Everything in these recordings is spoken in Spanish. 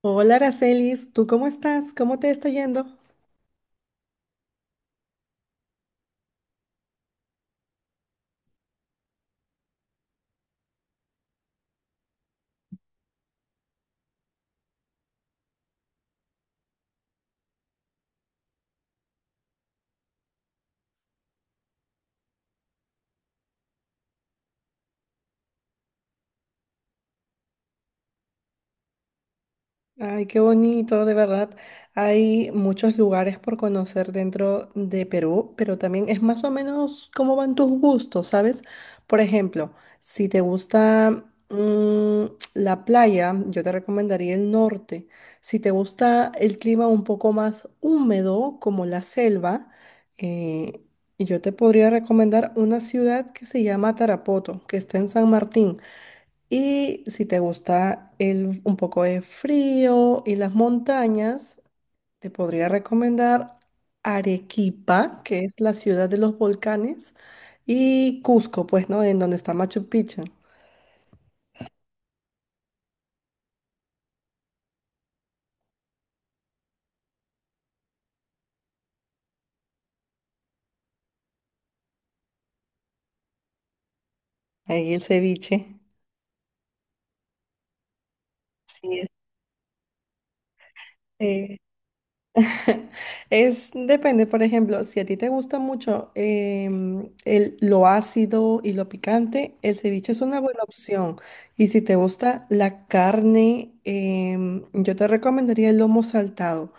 Hola, Aracelis, ¿tú cómo estás? ¿Cómo te está yendo? Ay, qué bonito, de verdad. Hay muchos lugares por conocer dentro de Perú, pero también es más o menos cómo van tus gustos, ¿sabes? Por ejemplo, si te gusta mm, la playa, yo te recomendaría el norte. Si te gusta el clima un poco más húmedo, como la selva, eh, yo te podría recomendar una ciudad que se llama Tarapoto, que está en San Martín. Y si te gusta un poco de frío y las montañas, te podría recomendar Arequipa, que es la ciudad de los volcanes, y Cusco, pues, ¿no? En donde está Machu Picchu. Ahí el ceviche. Sí, es. Es, depende, por ejemplo, si a ti te gusta mucho lo ácido y lo picante, el ceviche es una buena opción. Y si te gusta la carne, yo te recomendaría el lomo saltado,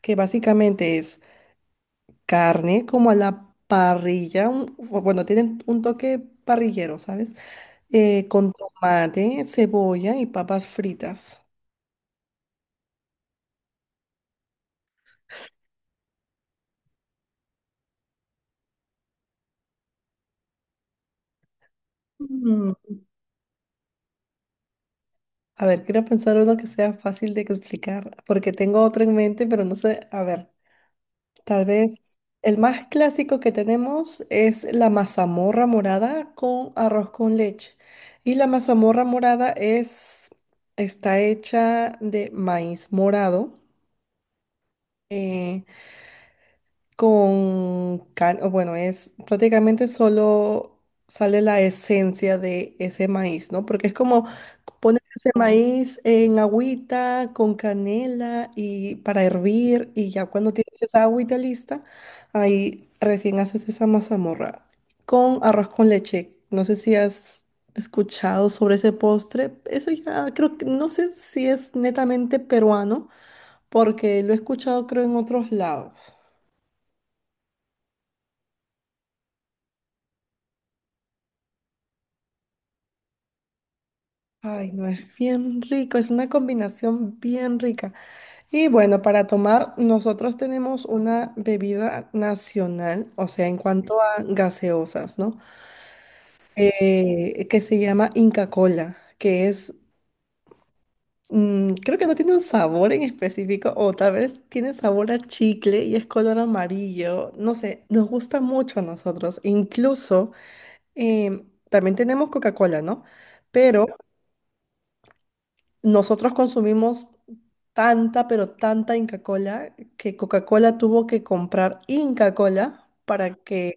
que básicamente es carne como a la parrilla, o bueno, tienen un toque parrillero, ¿sabes? Con tomate, cebolla y papas fritas. A ver, quiero pensar uno que sea fácil de explicar, porque tengo otro en mente, pero no sé. A ver, tal vez el más clásico que tenemos es la mazamorra morada con arroz con leche. Y la mazamorra morada es, está hecha de maíz morado. eh, o bueno, es prácticamente solo sale la esencia de ese maíz, ¿no? Porque es como pones ese maíz en agüita con canela y para hervir y ya cuando tienes esa agüita lista, ahí recién haces esa mazamorra con arroz con leche. No sé si has escuchado sobre ese postre. Eso ya creo que no sé si es netamente peruano porque lo he escuchado creo en otros lados. Ay, no, es bien rico, es una combinación bien rica. Y bueno, para tomar, nosotros tenemos una bebida nacional, o sea, en cuanto a gaseosas, ¿no? Que se llama Inca Cola, creo que no tiene un sabor en específico, o tal vez tiene sabor a chicle y es color amarillo, no sé, nos gusta mucho a nosotros. Incluso, también tenemos Coca-Cola, ¿no? Pero... nosotros consumimos tanta, pero tanta Inca Cola que Coca-Cola tuvo que comprar Inca Cola para que,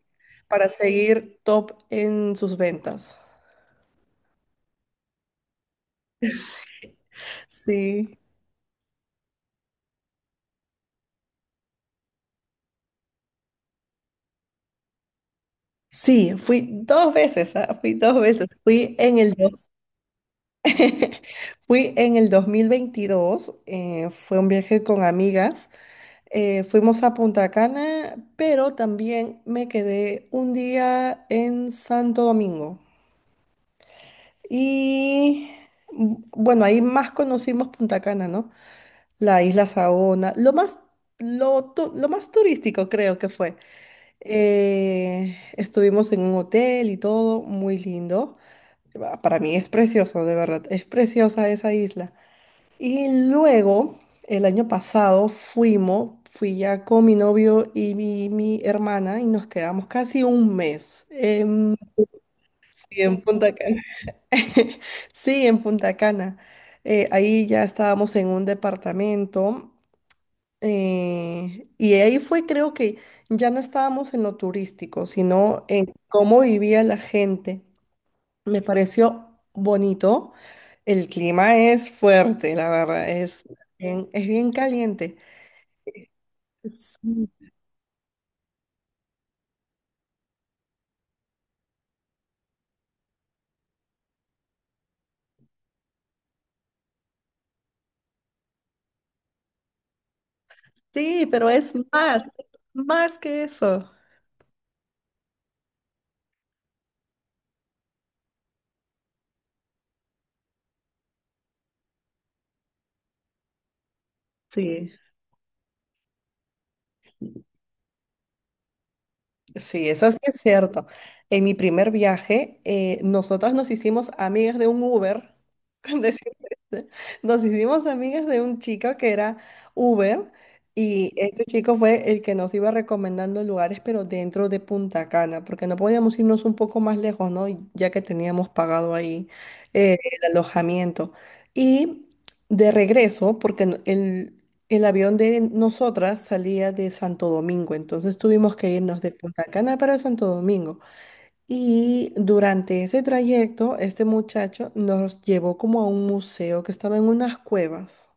para seguir top en sus ventas. Sí. Sí, fui dos veces, ah, fui dos veces. Fui en el dos- Fui en el 2022, fue un viaje con amigas. Fuimos a Punta Cana, pero también me quedé un día en Santo Domingo. Y bueno, ahí más conocimos Punta Cana, ¿no? La isla Saona, lo más turístico creo que fue. Estuvimos en un hotel y todo, muy lindo. Para mí es precioso, de verdad, es preciosa esa isla. Y luego, el año pasado fui ya con mi novio y mi hermana y nos quedamos casi un mes en, sí, en Punta Cana. Sí, en Punta Cana. Ahí ya estábamos en un departamento y ahí fue, creo que ya no estábamos en lo turístico, sino en cómo vivía la gente. Me pareció bonito. El clima es fuerte, la verdad, es bien caliente. Sí, sí, pero es más, más que eso. Sí. Sí, eso sí es cierto. En mi primer viaje, nosotras nos hicimos amigas de un Uber. Con decirte, esto. Nos hicimos amigas de un chico que era Uber y este chico fue el que nos iba recomendando lugares, pero dentro de Punta Cana, porque no podíamos irnos un poco más lejos, ¿no? Y ya que teníamos pagado ahí el alojamiento. Y de regreso, porque el avión de nosotras salía de Santo Domingo, entonces tuvimos que irnos de Punta Cana para Santo Domingo. Y durante ese trayecto, este muchacho nos llevó como a un museo que estaba en unas cuevas.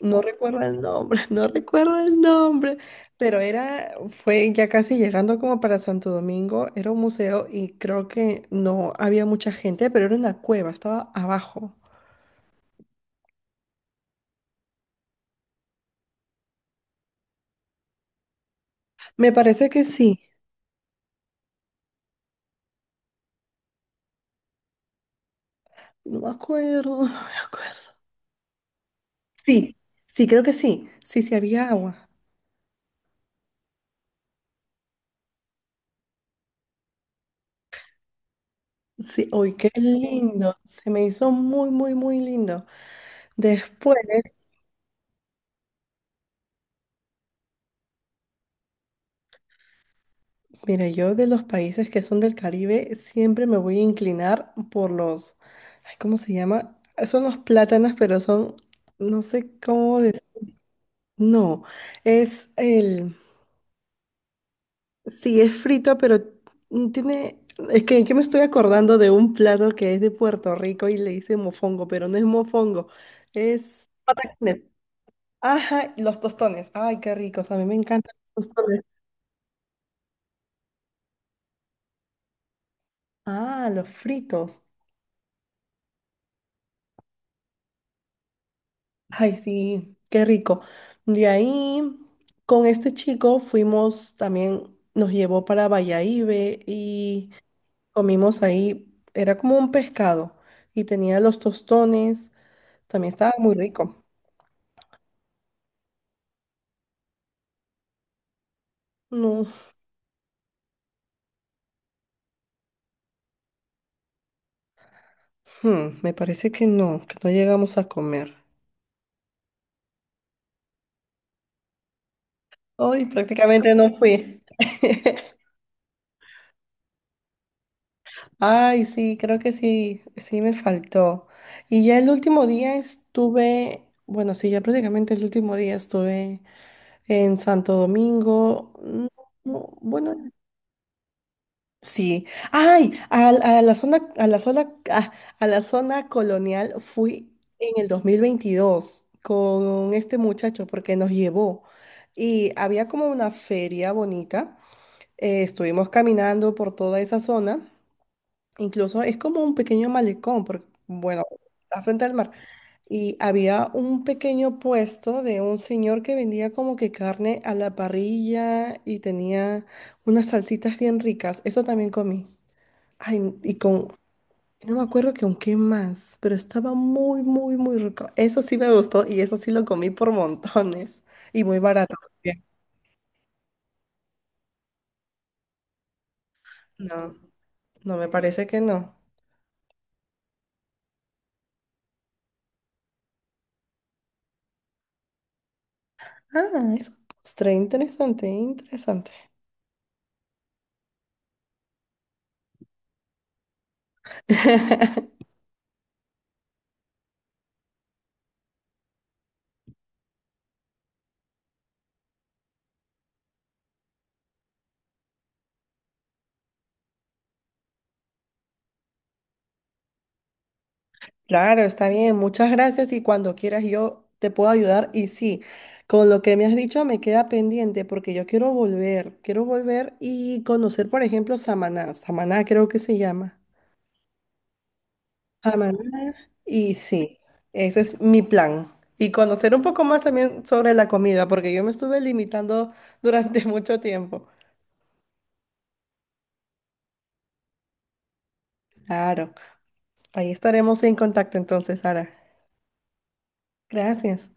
No recuerdo el nombre, no recuerdo el nombre, fue ya casi llegando como para Santo Domingo, era un museo y creo que no había mucha gente, pero era una cueva, estaba abajo. Me parece que sí, no me acuerdo, no me acuerdo. Sí, sí, creo que sí. Sí, sí, había agua. Sí, uy, qué lindo. Se me hizo muy, muy, muy lindo. Después, mira, yo de los países que son del Caribe siempre me voy a inclinar por los, ay, ¿cómo se llama? Son los plátanos, pero son, no sé cómo no, es sí, es frito, pero tiene, es que yo me estoy acordando de un plato que es de Puerto Rico y le dice mofongo, pero no es mofongo, es... patacones. Ajá, y los tostones. Ay, qué ricos. A mí me encantan los tostones. Ah, los fritos. Ay, sí, qué rico. De ahí, con este chico fuimos también, nos llevó para Bayahíbe y comimos ahí. Era como un pescado y tenía los tostones. También estaba muy rico. No, hmm, me parece que no llegamos a comer. Hoy prácticamente no fui. Ay, sí, creo que sí, sí me faltó. Y ya el último día estuve, bueno, sí, ya prácticamente el último día estuve en Santo Domingo. No, no, bueno, sí. Ay, a la zona, ah, a, la zona colonial fui en el 2022 con este muchacho porque nos llevó. Y había como una feria bonita. Estuvimos caminando por toda esa zona. Incluso es como un pequeño malecón, porque, bueno, está frente al mar. Y había un pequeño puesto de un señor que vendía como que carne a la parrilla y tenía unas salsitas bien ricas. Eso también comí. Ay, no me acuerdo que con qué más, pero estaba muy, muy, muy rico. Eso sí me gustó y eso sí lo comí por montones y muy barato. También. No, no me parece que no. Ah, es un postre interesante, interesante. Claro, está bien. Muchas gracias y cuando quieras yo te puedo ayudar. Y sí, con lo que me has dicho me queda pendiente porque yo quiero volver y conocer, por ejemplo, Samaná. Samaná creo que se llama. Samaná. Y sí, ese es mi plan. Y conocer un poco más también sobre la comida porque yo me estuve limitando durante mucho tiempo. Claro, ahí estaremos en contacto entonces, Sara. Gracias.